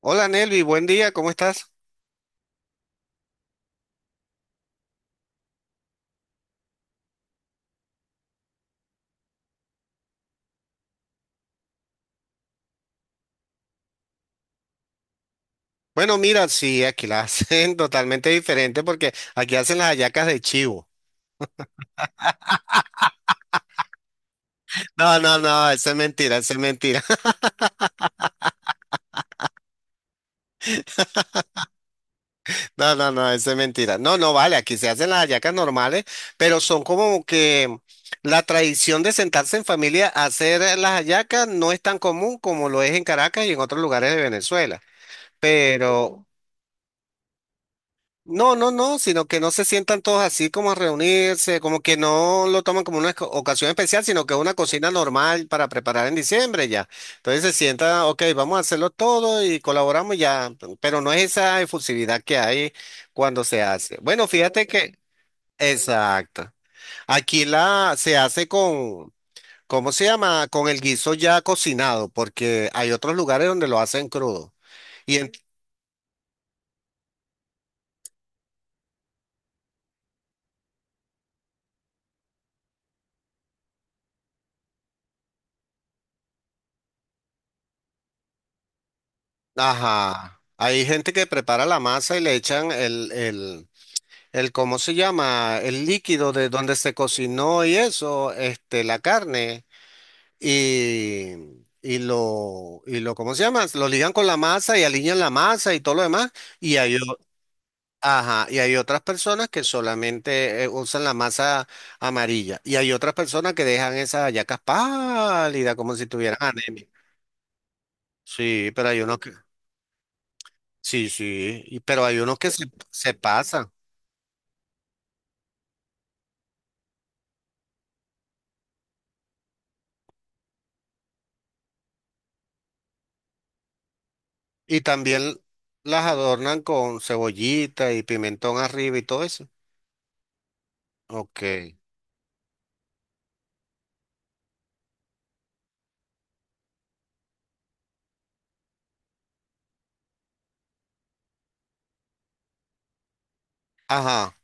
Hola Nelvi, buen día, ¿cómo estás? Bueno, mira, sí, aquí la hacen totalmente diferente porque aquí hacen las hallacas de chivo. No, no, no, eso es mentira, eso es mentira. No, no, no, eso es mentira. No, no, vale, aquí se hacen las hallacas normales, pero son como que la tradición de sentarse en familia a hacer las hallacas no es tan común como lo es en Caracas y en otros lugares de Venezuela. Pero, No, no, no, sino que no se sientan todos así como a reunirse, como que no lo toman como una ocasión especial, sino que es una cocina normal para preparar en diciembre ya. Entonces se sienta, ok, vamos a hacerlo todo y colaboramos ya, pero no es esa efusividad que hay cuando se hace. Bueno, fíjate que, exacto. Aquí la se hace con, ¿cómo se llama? Con el guiso ya cocinado, porque hay otros lugares donde lo hacen crudo. y Ajá. Hay gente que prepara la masa y le echan el, ¿cómo se llama? El líquido de donde se cocinó y eso, este, la carne y, y lo, ¿cómo se llama? Lo ligan con la masa y alinean la masa y todo lo demás. Y hay, o- ajá, y hay otras personas que solamente usan la masa amarilla. Y hay otras personas que dejan esas hallacas pálidas como si tuvieran anemia. Sí, pero hay unos que. Sí, sí, pero hay unos que se pasan y también las adornan con cebollita y pimentón arriba y todo eso. Ok, ajá.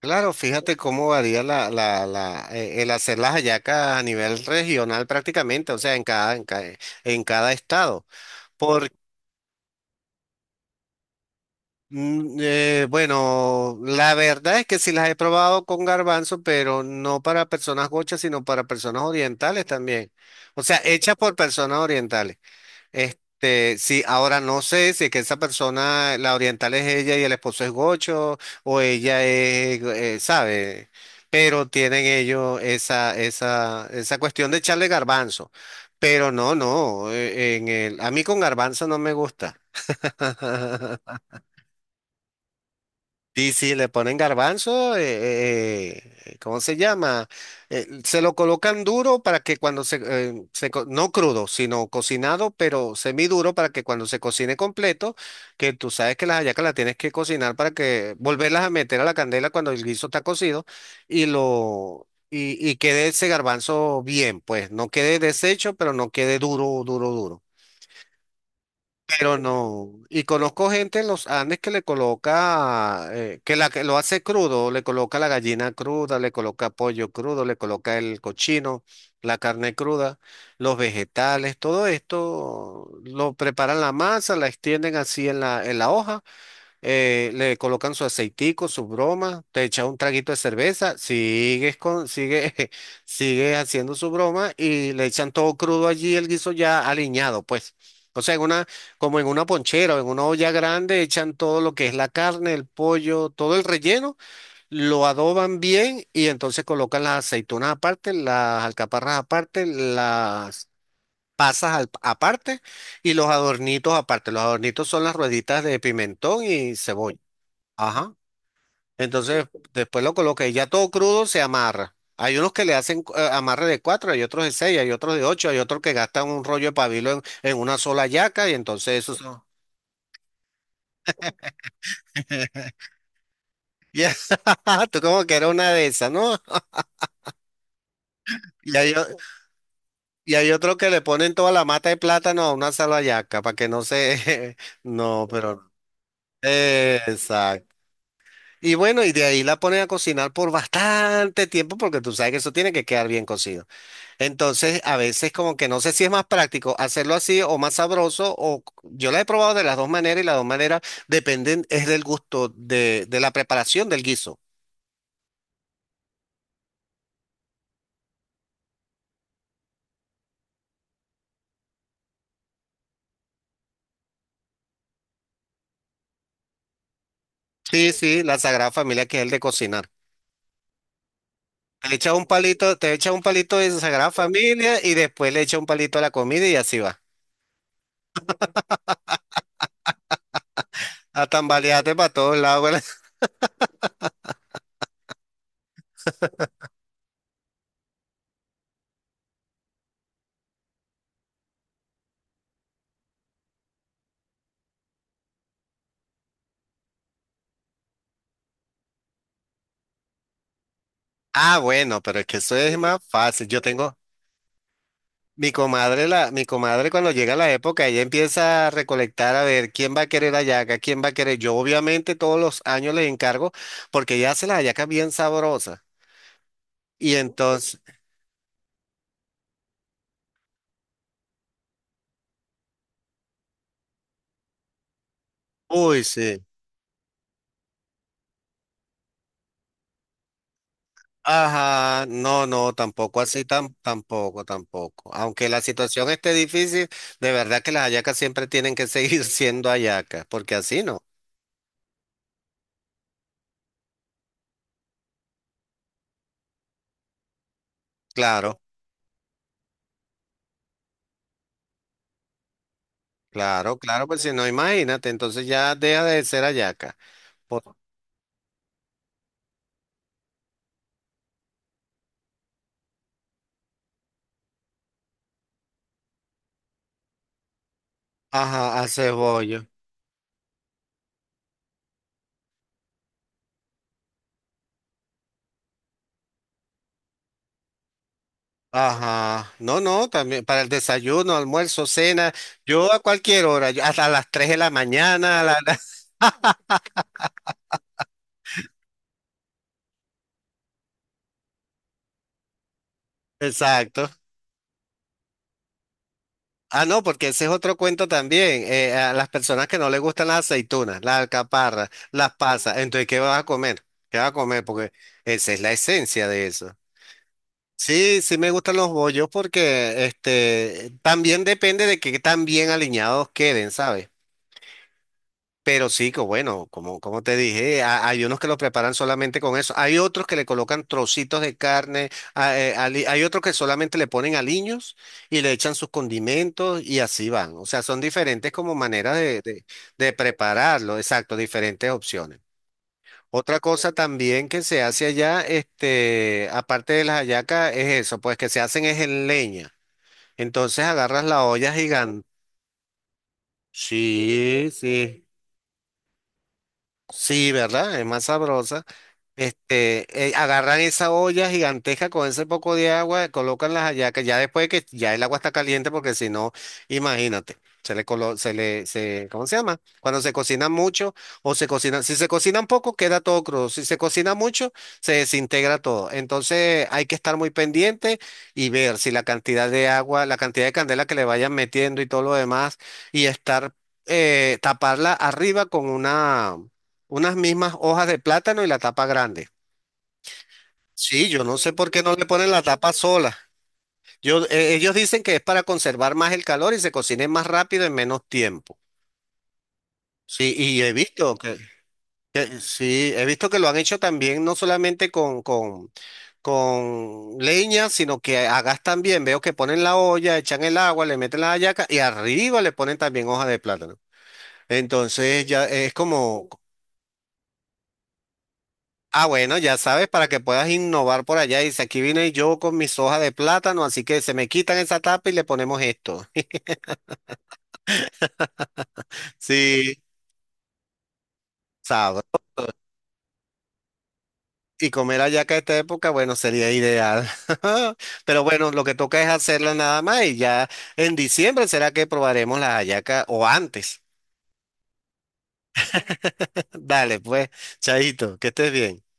Claro, fíjate cómo varía el hacer las hallacas a nivel regional prácticamente, o sea, en cada, en cada, en cada estado. Por, bueno, la verdad es que sí las he probado con garbanzo, pero no para personas gochas, sino para personas orientales también. O sea, hechas por personas orientales. Este, sí, ahora no sé si es que esa persona, la oriental es ella y el esposo es gocho, o ella es, sabe, pero tienen ellos esa cuestión de echarle garbanzo. Pero no, no, a mí con garbanzo no me gusta. Sí, sí, le ponen garbanzo, ¿cómo se llama? Se lo colocan duro para que cuando se, se co- no crudo, sino cocinado, pero semiduro para que cuando se cocine completo, que tú sabes que las hallacas las tienes que cocinar para que volverlas a meter a la candela cuando el guiso está cocido y lo y quede ese garbanzo bien, pues no quede deshecho, pero no quede duro, duro, duro. Pero no, y conozco gente en los Andes que le coloca, que lo hace crudo, le coloca la gallina cruda, le coloca pollo crudo, le coloca el cochino, la carne cruda, los vegetales, todo esto lo preparan la masa, la extienden así en la hoja le colocan su aceitico, su broma, te echa un traguito de cerveza, sigue haciendo su broma y le echan todo crudo allí, el guiso ya aliñado, pues. O sea, como en una ponchera o en una olla grande, echan todo lo que es la carne, el pollo, todo el relleno, lo adoban bien y entonces colocan las aceitunas aparte, las alcaparras aparte, las pasas aparte y los adornitos aparte. Los adornitos son las rueditas de pimentón y cebolla. Ajá. Entonces, después lo coloca y ya todo crudo se amarra. Hay unos que le hacen amarre de cuatro, hay otros de seis, hay otros de ocho, hay otros que gastan un rollo de pabilo en una sola yaca y entonces eso son. Ya, tú como que era una de esas, ¿no? Y hay, o- y hay otros que le ponen toda la mata de plátano a una sola yaca para que no se. No, pero no. Exacto. Y bueno, y de ahí la ponen a cocinar por bastante tiempo porque tú sabes que eso tiene que quedar bien cocido. Entonces, a veces como que no sé si es más práctico hacerlo así o más sabroso, o yo la he probado de las dos maneras y las dos maneras dependen, es del gusto de la preparación del guiso. Sí, sí, la Sagrada Familia que es el de cocinar. Te echa un palito, te echa un palito de Sagrada Familia y después le echa un palito a la comida y así va. A tambalearte para todos lados. Ah, bueno, pero es que eso es más fácil. Mi comadre cuando llega la época, ella empieza a recolectar a ver quién va a querer hallaca, quién va a querer. Yo obviamente todos los años le encargo porque ella hace las hallacas bien sabrosas. Y entonces, uy, sí. Ajá, no, no, tampoco así, tampoco, tampoco. Aunque la situación esté difícil, de verdad que las hallacas siempre tienen que seguir siendo hallacas, porque así no. Claro, claro, claro, pues si no, imagínate, entonces ya deja de ser hallaca. Por- Ajá, hace bollo. Ajá, no, no, también para el desayuno, almuerzo, cena, yo a cualquier hora, yo hasta las 3 de la mañana, exacto. Ah, no, porque ese es otro cuento también, a las personas que no les gustan las aceitunas, las alcaparras, las pasas, entonces, ¿qué vas a comer? ¿Qué vas a comer? Porque esa es la esencia de eso. Sí, sí me gustan los bollos porque este, también depende de que tan bien alineados queden, ¿sabes? Pero sí, que bueno, como, como te dije, hay unos que lo preparan solamente con eso. Hay otros que le colocan trocitos de carne, hay otros que solamente le ponen aliños y le echan sus condimentos y así van. O sea, son diferentes como maneras de prepararlo, exacto, diferentes opciones. Otra cosa también que se hace allá, este, aparte de las hallacas, es eso, pues que se hacen es en leña. Entonces agarras la olla gigante. Sí, sí. Sí, ¿verdad? Es más sabrosa. Este, agarran esa olla gigantesca con ese poco de agua, colocan las hallacas, ya después de que ya el agua está caliente, porque si no, imagínate, se le colo, se le, se, ¿cómo se llama? Cuando se cocina mucho o se cocina, si se cocina poco, queda todo crudo, si se cocina mucho, se desintegra todo. Entonces hay que estar muy pendiente y ver si la cantidad de agua, la cantidad de candela que le vayan metiendo y todo lo demás, y estar, taparla arriba con unas mismas hojas de plátano y la tapa grande. Sí, yo no sé por qué no le ponen la tapa sola. Yo, ellos dicen que es para conservar más el calor y se cocine más rápido en menos tiempo. Sí, y he visto que, sí, he visto que lo han hecho también, no solamente con leña, sino que hagas también. Veo que ponen la olla, echan el agua, le meten la hallaca y arriba le ponen también hoja de plátano. Entonces ya es como, ah, bueno, ya sabes, para que puedas innovar por allá. Dice, aquí vine yo con mis hojas de plátano, así que se me quitan esa tapa y le ponemos esto. Sí, sabroso. Y comer hallaca a esta época, bueno, sería ideal. Pero bueno, lo que toca es hacerla nada más y ya en diciembre será que probaremos la hallaca o antes. Dale, pues, chaito, que estés bien.